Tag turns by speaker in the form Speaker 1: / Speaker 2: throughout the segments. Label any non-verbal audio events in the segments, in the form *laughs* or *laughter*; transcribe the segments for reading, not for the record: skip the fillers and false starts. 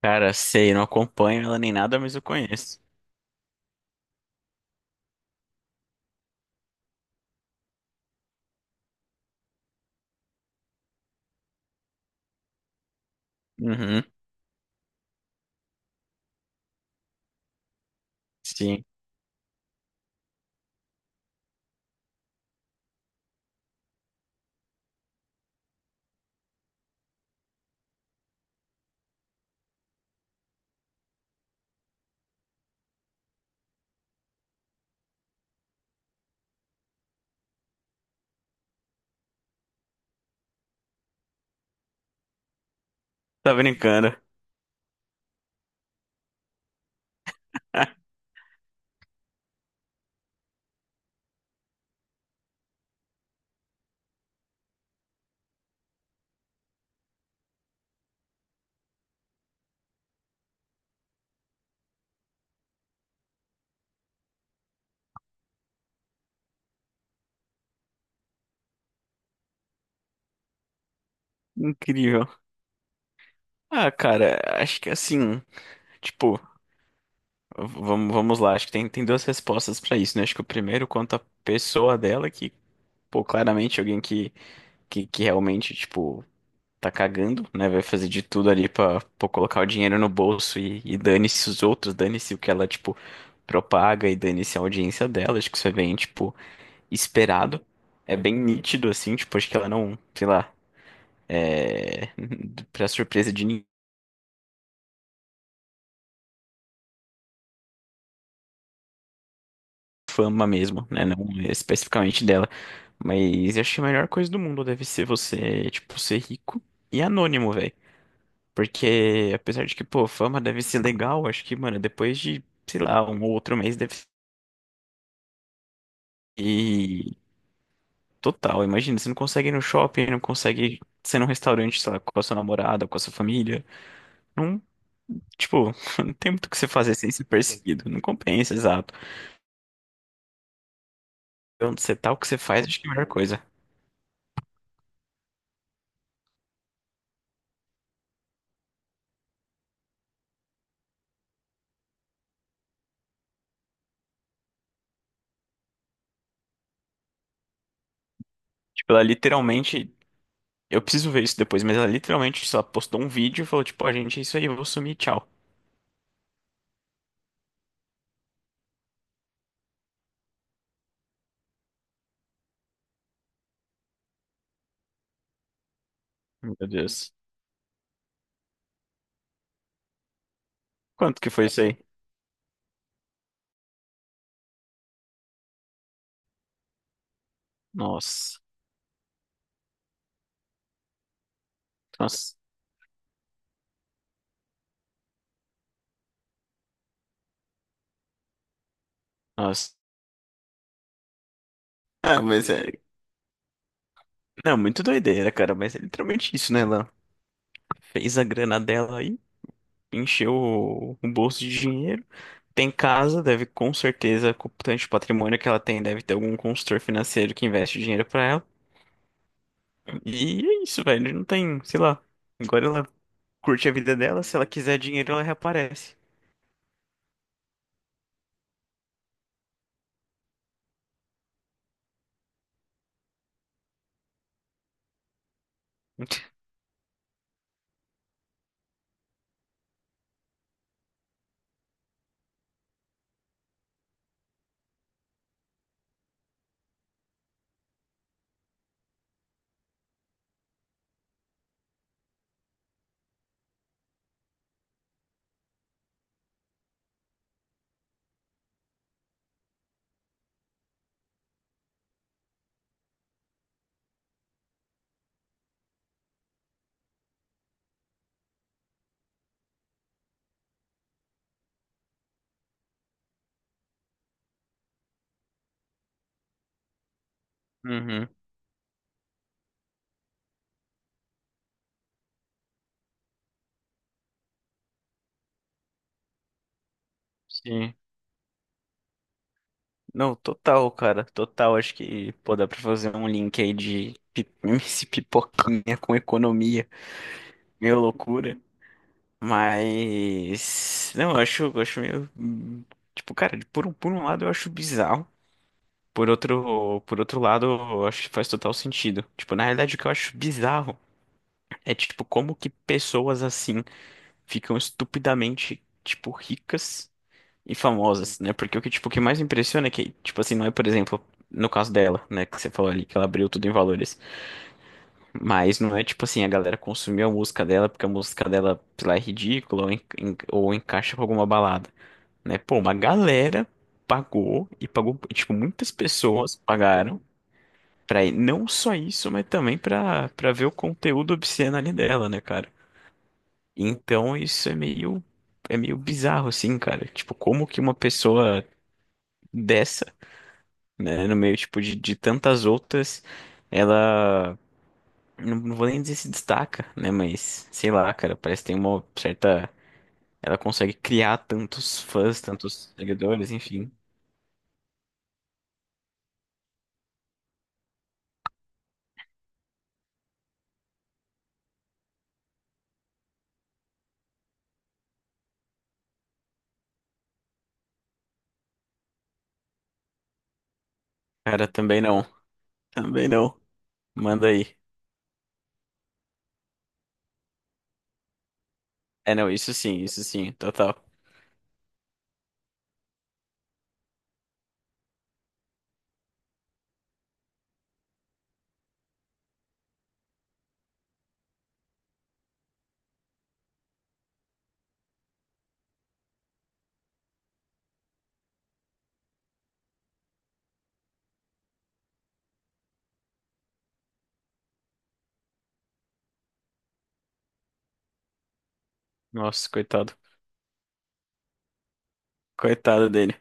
Speaker 1: Cara, sei, não acompanho ela nem nada, mas eu conheço. Uhum, sim. Tá brincando. *laughs* Incrível. Ah, cara, acho que assim, tipo, vamos lá, acho que tem duas respostas pra isso, né? Acho que o primeiro quanto à pessoa dela, que, pô, claramente alguém que realmente, tipo, tá cagando, né? Vai fazer de tudo ali pra, pô, colocar o dinheiro no bolso e dane-se os outros, dane-se o que ela, tipo, propaga e dane-se a audiência dela. Acho que isso é bem, tipo, esperado. É bem nítido, assim, tipo, acho que ela não, sei lá, é. *laughs* Pra surpresa de ninguém, fama mesmo, né? Não especificamente dela. Mas acho que a melhor coisa do mundo deve ser você, tipo, ser rico e anônimo, velho. Porque, apesar de que, pô, fama deve ser legal, acho que, mano, depois de, sei lá, um ou outro mês deve ser total. Imagina, você não consegue ir no shopping, não consegue ser num restaurante, sei lá, com a sua namorada, com a sua família. Não Tipo, *laughs* não tem muito o que você fazer sem ser perseguido. Não compensa, exato. Onde você tá, o que você faz, acho que é a melhor coisa. Tipo, ela literalmente. Eu preciso ver isso depois, mas ela literalmente só postou um vídeo e falou, tipo, ó, gente, é isso aí, eu vou sumir, tchau. Meu Deus. Quanto que foi isso aí? Nossa, nossa, nossa. Ah, mas é. Não, muito doideira, cara, mas é literalmente isso, né? Ela fez a grana dela aí encheu o bolso de dinheiro. Tem casa, deve com certeza, com o tanto de patrimônio que ela tem, deve ter algum consultor financeiro que investe dinheiro pra ela. E é isso, velho. Não tem, sei lá. Agora ela curte a vida dela, se ela quiser dinheiro, ela reaparece. Uhum, sim. Não, total, cara, total. Acho que, pô, dá pra fazer um link aí de *laughs* MC Pipoquinha com economia. Meio loucura. Mas. Não, eu acho meio. Tipo, cara, por um lado eu acho bizarro. Por outro lado, eu acho que faz total sentido. Tipo, na realidade, o que eu acho bizarro é, tipo, como que pessoas assim ficam estupidamente, tipo, ricas e famosas, né? Porque o que, tipo, o que mais impressiona é que, tipo assim, não é, por exemplo, no caso dela, né, que você falou ali, que ela abriu tudo em valores. Mas não é tipo assim, a galera consumiu a música dela porque a música dela, sei lá, é ridícula ou, ou encaixa com alguma balada. Né? Pô, uma galera pagou, tipo, muitas pessoas pagaram pra ir, não só isso, mas também pra ver o conteúdo obsceno ali dela, né, cara? Então isso é meio bizarro, assim, cara. Tipo, como que uma pessoa dessa, né, no meio, tipo, de tantas outras, ela, não vou nem dizer se destaca, né, mas, sei lá, cara, parece que tem uma certa... Ela consegue criar tantos fãs, tantos seguidores, enfim. Cara, também não. Também não. Manda aí. É, não, isso sim, isso sim, total. Nossa, coitado. Coitado dele.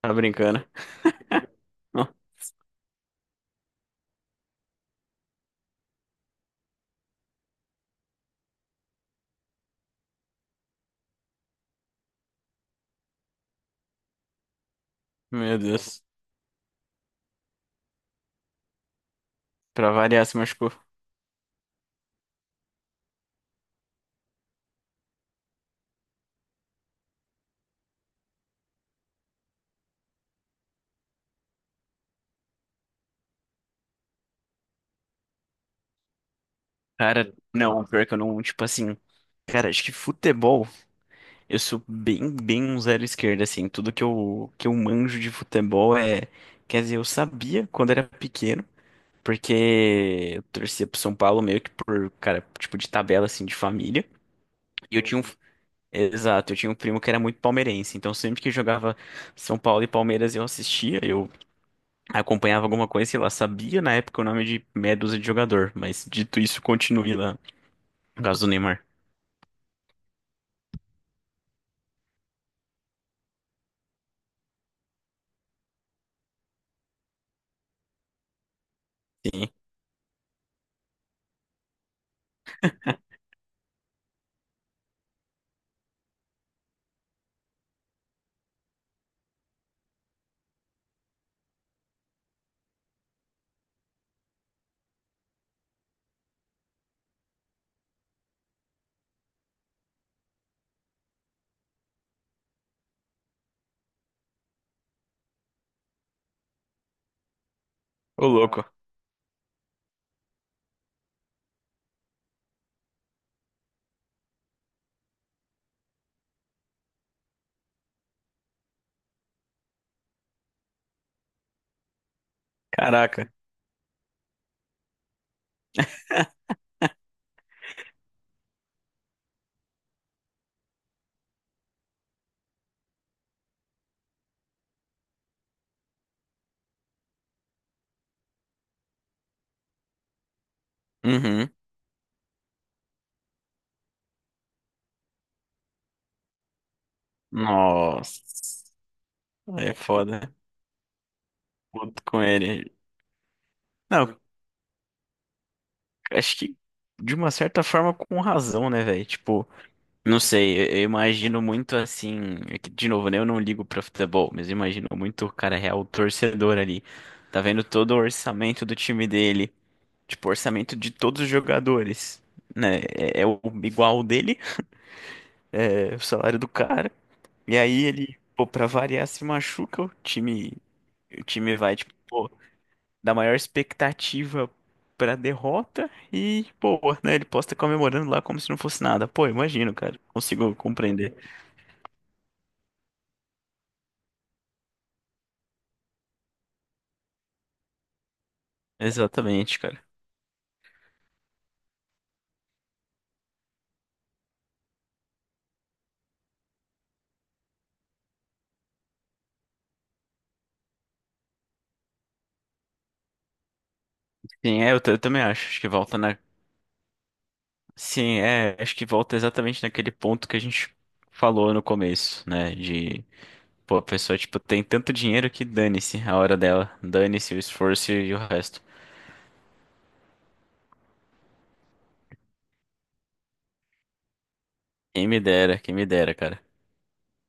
Speaker 1: Tá brincando. Oh, meu Deus. Pra variar, se machucou. Cara, não, pior que eu não, tipo assim. Cara, acho que futebol, eu sou bem um zero esquerda, assim. Tudo que eu manjo de futebol é. Quer dizer, eu sabia quando era pequeno, porque eu torcia pro São Paulo meio que por, cara, tipo de tabela, assim, de família. E eu tinha um, Exato, eu tinha um primo que era muito palmeirense, então sempre que jogava São Paulo e Palmeiras eu assistia, eu acompanhava alguma coisa, sei lá, sabia na época o nome de meia dúzia de jogador, mas dito isso, continue lá, por causa do Neymar. Sim. Ô, louco. Caraca. Uhum, nossa, aí é foda, puto com ele. Não, acho que de uma certa forma com razão, né, velho, tipo... Não sei, eu imagino muito assim. É que, de novo, né? Eu não ligo pra futebol, mas eu imagino muito o cara real, o torcedor ali. Tá vendo todo o orçamento do time dele, tipo, orçamento de todos os jogadores, né? É, é o igual o dele, é o salário do cara. E aí ele, pô, pra variar, se machuca, o time vai, tipo, pô, da maior expectativa pra derrota e, pô, né? Ele posta comemorando lá como se não fosse nada. Pô, imagino, cara, consigo compreender. Exatamente, cara. Sim, é, eu também acho. Acho que volta na. Sim, é, acho que volta exatamente naquele ponto que a gente falou no começo, né? De, pô, a pessoa, tipo, tem tanto dinheiro que dane-se a hora dela. Dane-se o esforço e o resto. Quem me dera, cara.